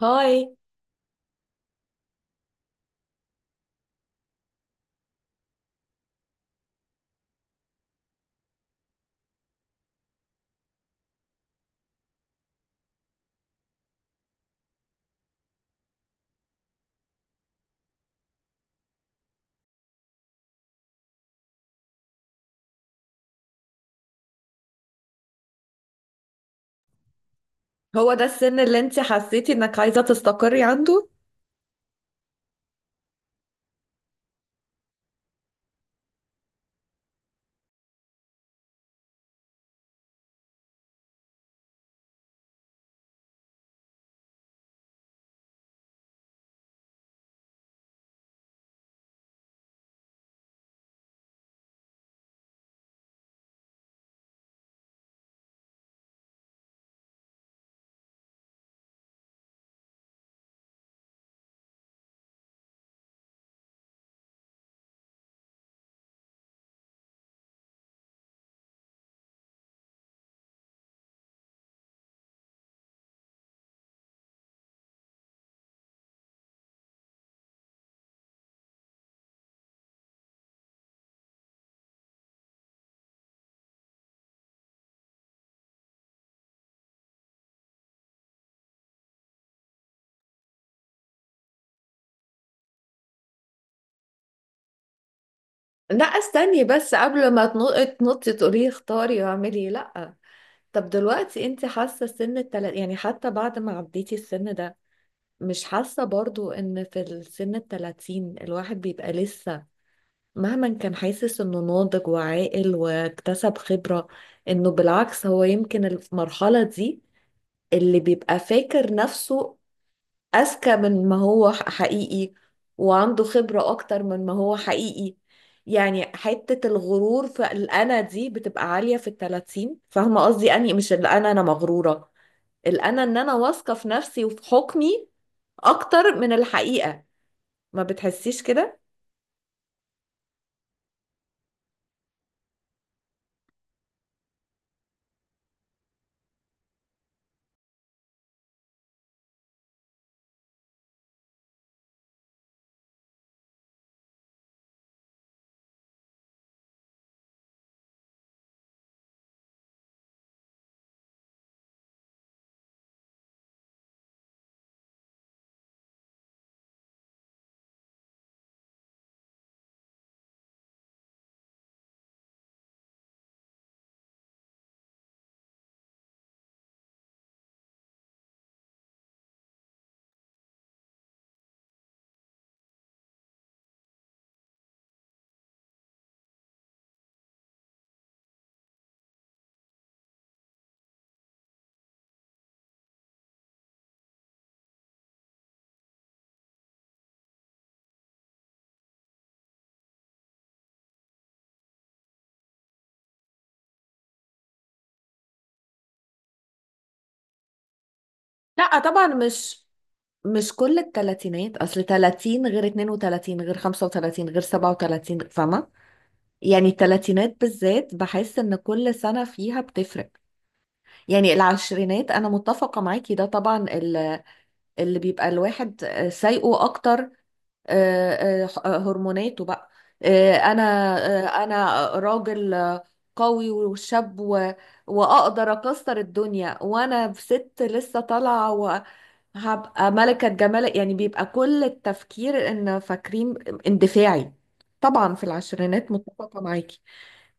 هاي. هو ده السن اللي انت حسيتي انك عايزة تستقري عنده؟ لا، استني بس قبل ما تنطي تقولي اختاري واعملي لا. طب دلوقتي انت حاسة سن التلات، يعني حتى بعد ما عديتي السن ده مش حاسة برضو ان في السن التلاتين الواحد بيبقى لسه مهما كان حاسس انه ناضج وعاقل واكتسب خبرة، انه بالعكس هو يمكن المرحلة دي اللي بيبقى فاكر نفسه أذكى من ما هو حقيقي وعنده خبرة أكتر من ما هو حقيقي. يعني حتة الغرور في الأنا دي بتبقى عالية في التلاتين، فاهمة قصدي؟ أني مش الأنا أنا مغرورة، الأنا إن أنا واثقة في نفسي وفي حكمي أكتر من الحقيقة. ما بتحسيش كده؟ لا طبعا، مش كل التلاتينات، أصل تلاتين غير اتنين وتلاتين غير خمسة وتلاتين غير سبعة وتلاتين، فاهمة؟ يعني التلاتينات بالذات بحس إن كل سنة فيها بتفرق. يعني العشرينات انا متفقه معاكي، ده طبعا اللي بيبقى الواحد سايقه اكتر. هرموناته بقى. آه، انا انا راجل، قوي وشاب واقدر اكسر الدنيا وانا في ست لسه طالعه وهبقى ملكه جمال. يعني بيبقى كل التفكير ان فاكرين اندفاعي. طبعا في العشرينات متفقه معاكي،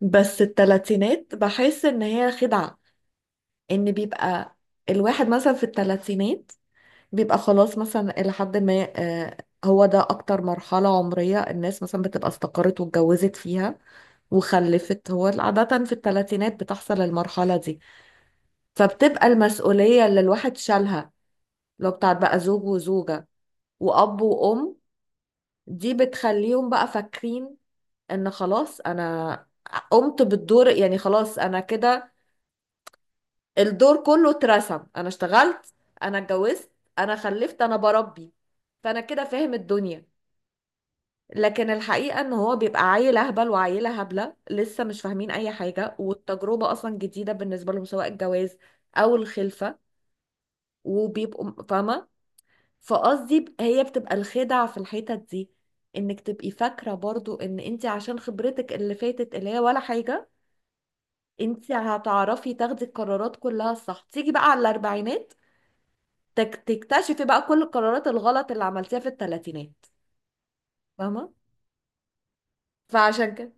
بس التلاتينات بحس ان هي خدعه. ان بيبقى الواحد مثلا في الثلاثينات بيبقى خلاص مثلا الى حد ما، آه، هو ده اكتر مرحلة عمرية الناس مثلا بتبقى استقرت واتجوزت فيها وخلفت. هو عادة في الثلاثينات بتحصل المرحلة دي، فبتبقى المسؤولية اللي الواحد شالها لو بتاعت بقى زوج وزوجة وأب وأم، دي بتخليهم بقى فاكرين إن خلاص أنا قمت بالدور. يعني خلاص أنا كده الدور كله اترسم، انا اشتغلت، انا اتجوزت، انا خلفت، انا بربي، فانا كده فاهم الدنيا. لكن الحقيقة ان هو بيبقى عيل اهبل وعيلة هبلة لسه مش فاهمين اي حاجة والتجربة اصلا جديدة بالنسبة لهم، سواء الجواز او الخلفة. وبيبقوا فاهمة؟ فقصدي هي بتبقى الخدع في الحتت دي، انك تبقي فاكرة برضو ان انت عشان خبرتك اللي فاتت اللي هي ولا حاجة انت هتعرفي تاخدي القرارات كلها الصح. تيجي بقى على الاربعينات تكتشفي بقى كل القرارات الغلط اللي عملتيها في الثلاثينات، فاهمة؟ فعشان كده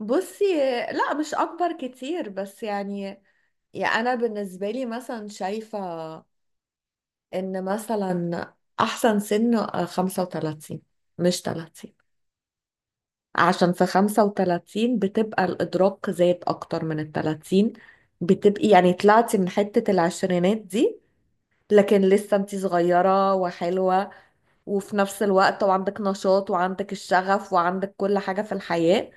بصي، لا مش أكبر كتير بس يعني، يعني أنا بالنسبة لي مثلا شايفة إن مثلا أحسن سن 35 مش 30. عشان في 35 بتبقى الإدراك زاد أكتر من ال 30، بتبقي يعني طلعتي من حتة العشرينات دي لكن لسه انتي صغيرة وحلوة، وفي نفس الوقت وعندك نشاط وعندك الشغف وعندك كل حاجة في الحياة.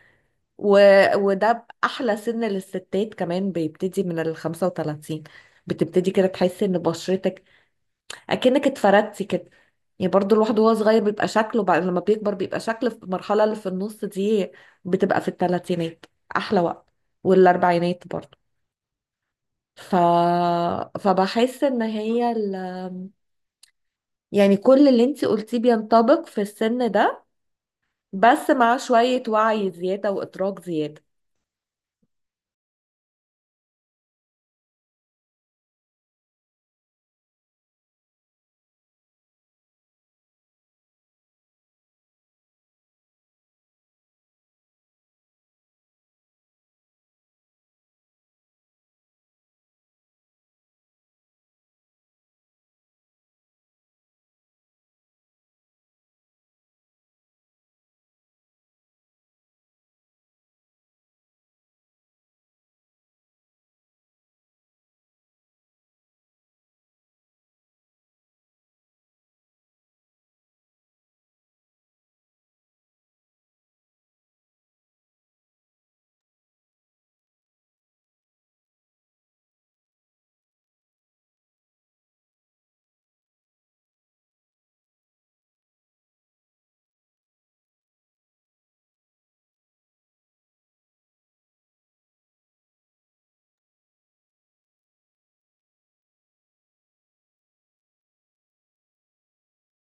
و... وده أحلى سن للستات، كمان بيبتدي من ال 35. بتبتدي كده تحسي إن بشرتك أكنك اتفردتي كده. يعني برضو الواحد وهو صغير بيبقى شكله، بعد لما بيكبر بيبقى شكله في المرحلة اللي في النص دي، بتبقى في الثلاثينات أحلى وقت، والأربعينات برضو. ف... فبحس إن هي يعني كل اللي انتي قلتيه بينطبق في السن ده، بس مع شوية وعي زيادة وإدراك زيادة.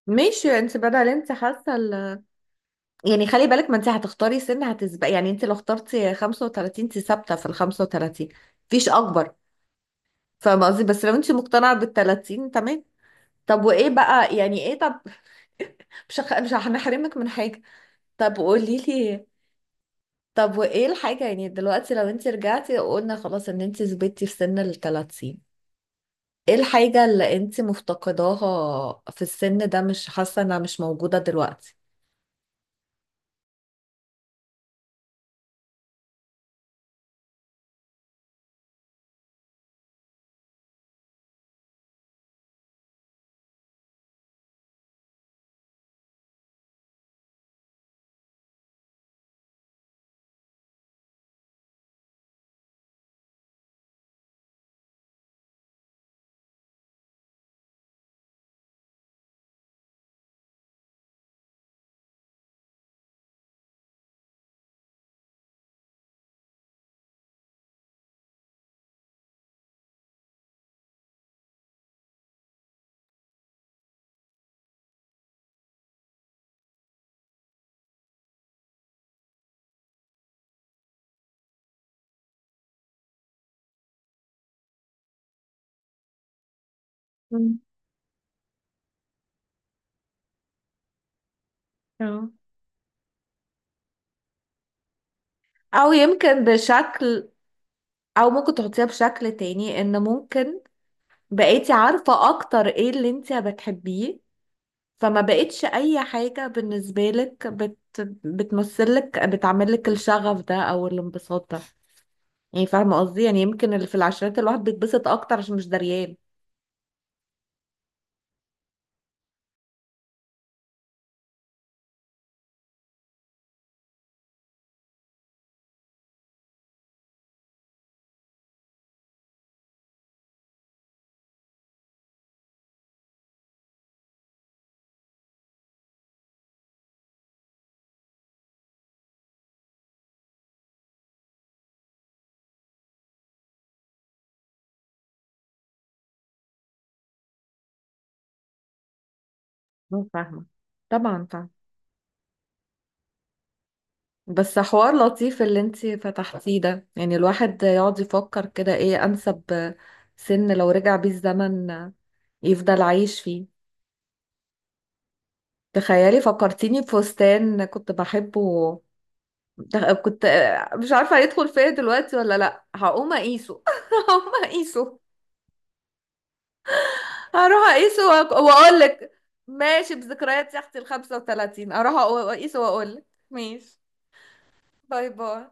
ماشي انت، بدل انت حاسه يعني خلي بالك، ما انت هتختاري سن هتسبق. يعني انت لو اخترتي 35 انت ثابته في ال 35، مفيش اكبر، فاهمه قصدي؟ بس لو انت مقتنعه بال 30 تمام. طب وايه بقى، يعني ايه طب؟ مش هنحرمك من حاجه. طب قولي لي، طب وايه الحاجه يعني دلوقتي لو انت رجعتي وقلنا خلاص ان انت ثبتي في سن ال 30، ايه الحاجة اللي انت مفتقداها في السن ده مش حاسة انها مش موجودة دلوقتي؟ مم. اه، او يمكن بشكل، او ممكن تحطيها بشكل تاني، ان ممكن بقيتي عارفة اكتر ايه اللي انت بتحبيه، فما بقتش اي حاجة بالنسبة لك بتمثلك بتعملك الشغف ده او الانبساط ده. يعني فاهمة قصدي؟ يعني يمكن اللي في العشرات الواحد بيتبسط اكتر عشان مش دريان. مو فاهمة، طبعا فاهمة. بس حوار لطيف اللي انتي فتحتيه ده، يعني الواحد يقعد يفكر كده ايه انسب سن لو رجع بيه الزمن يفضل عايش فيه. تخيلي فكرتيني بفستان كنت بحبه. كنت مش عارفة هيدخل فيا دلوقتي ولا لا. هقوم اقيسه، هقوم اقيسه، هروح اقيسه واقولك ماشي. بذكريات يا اختي ال 35، هروح اقيسه واقولك ماشي. باي باي.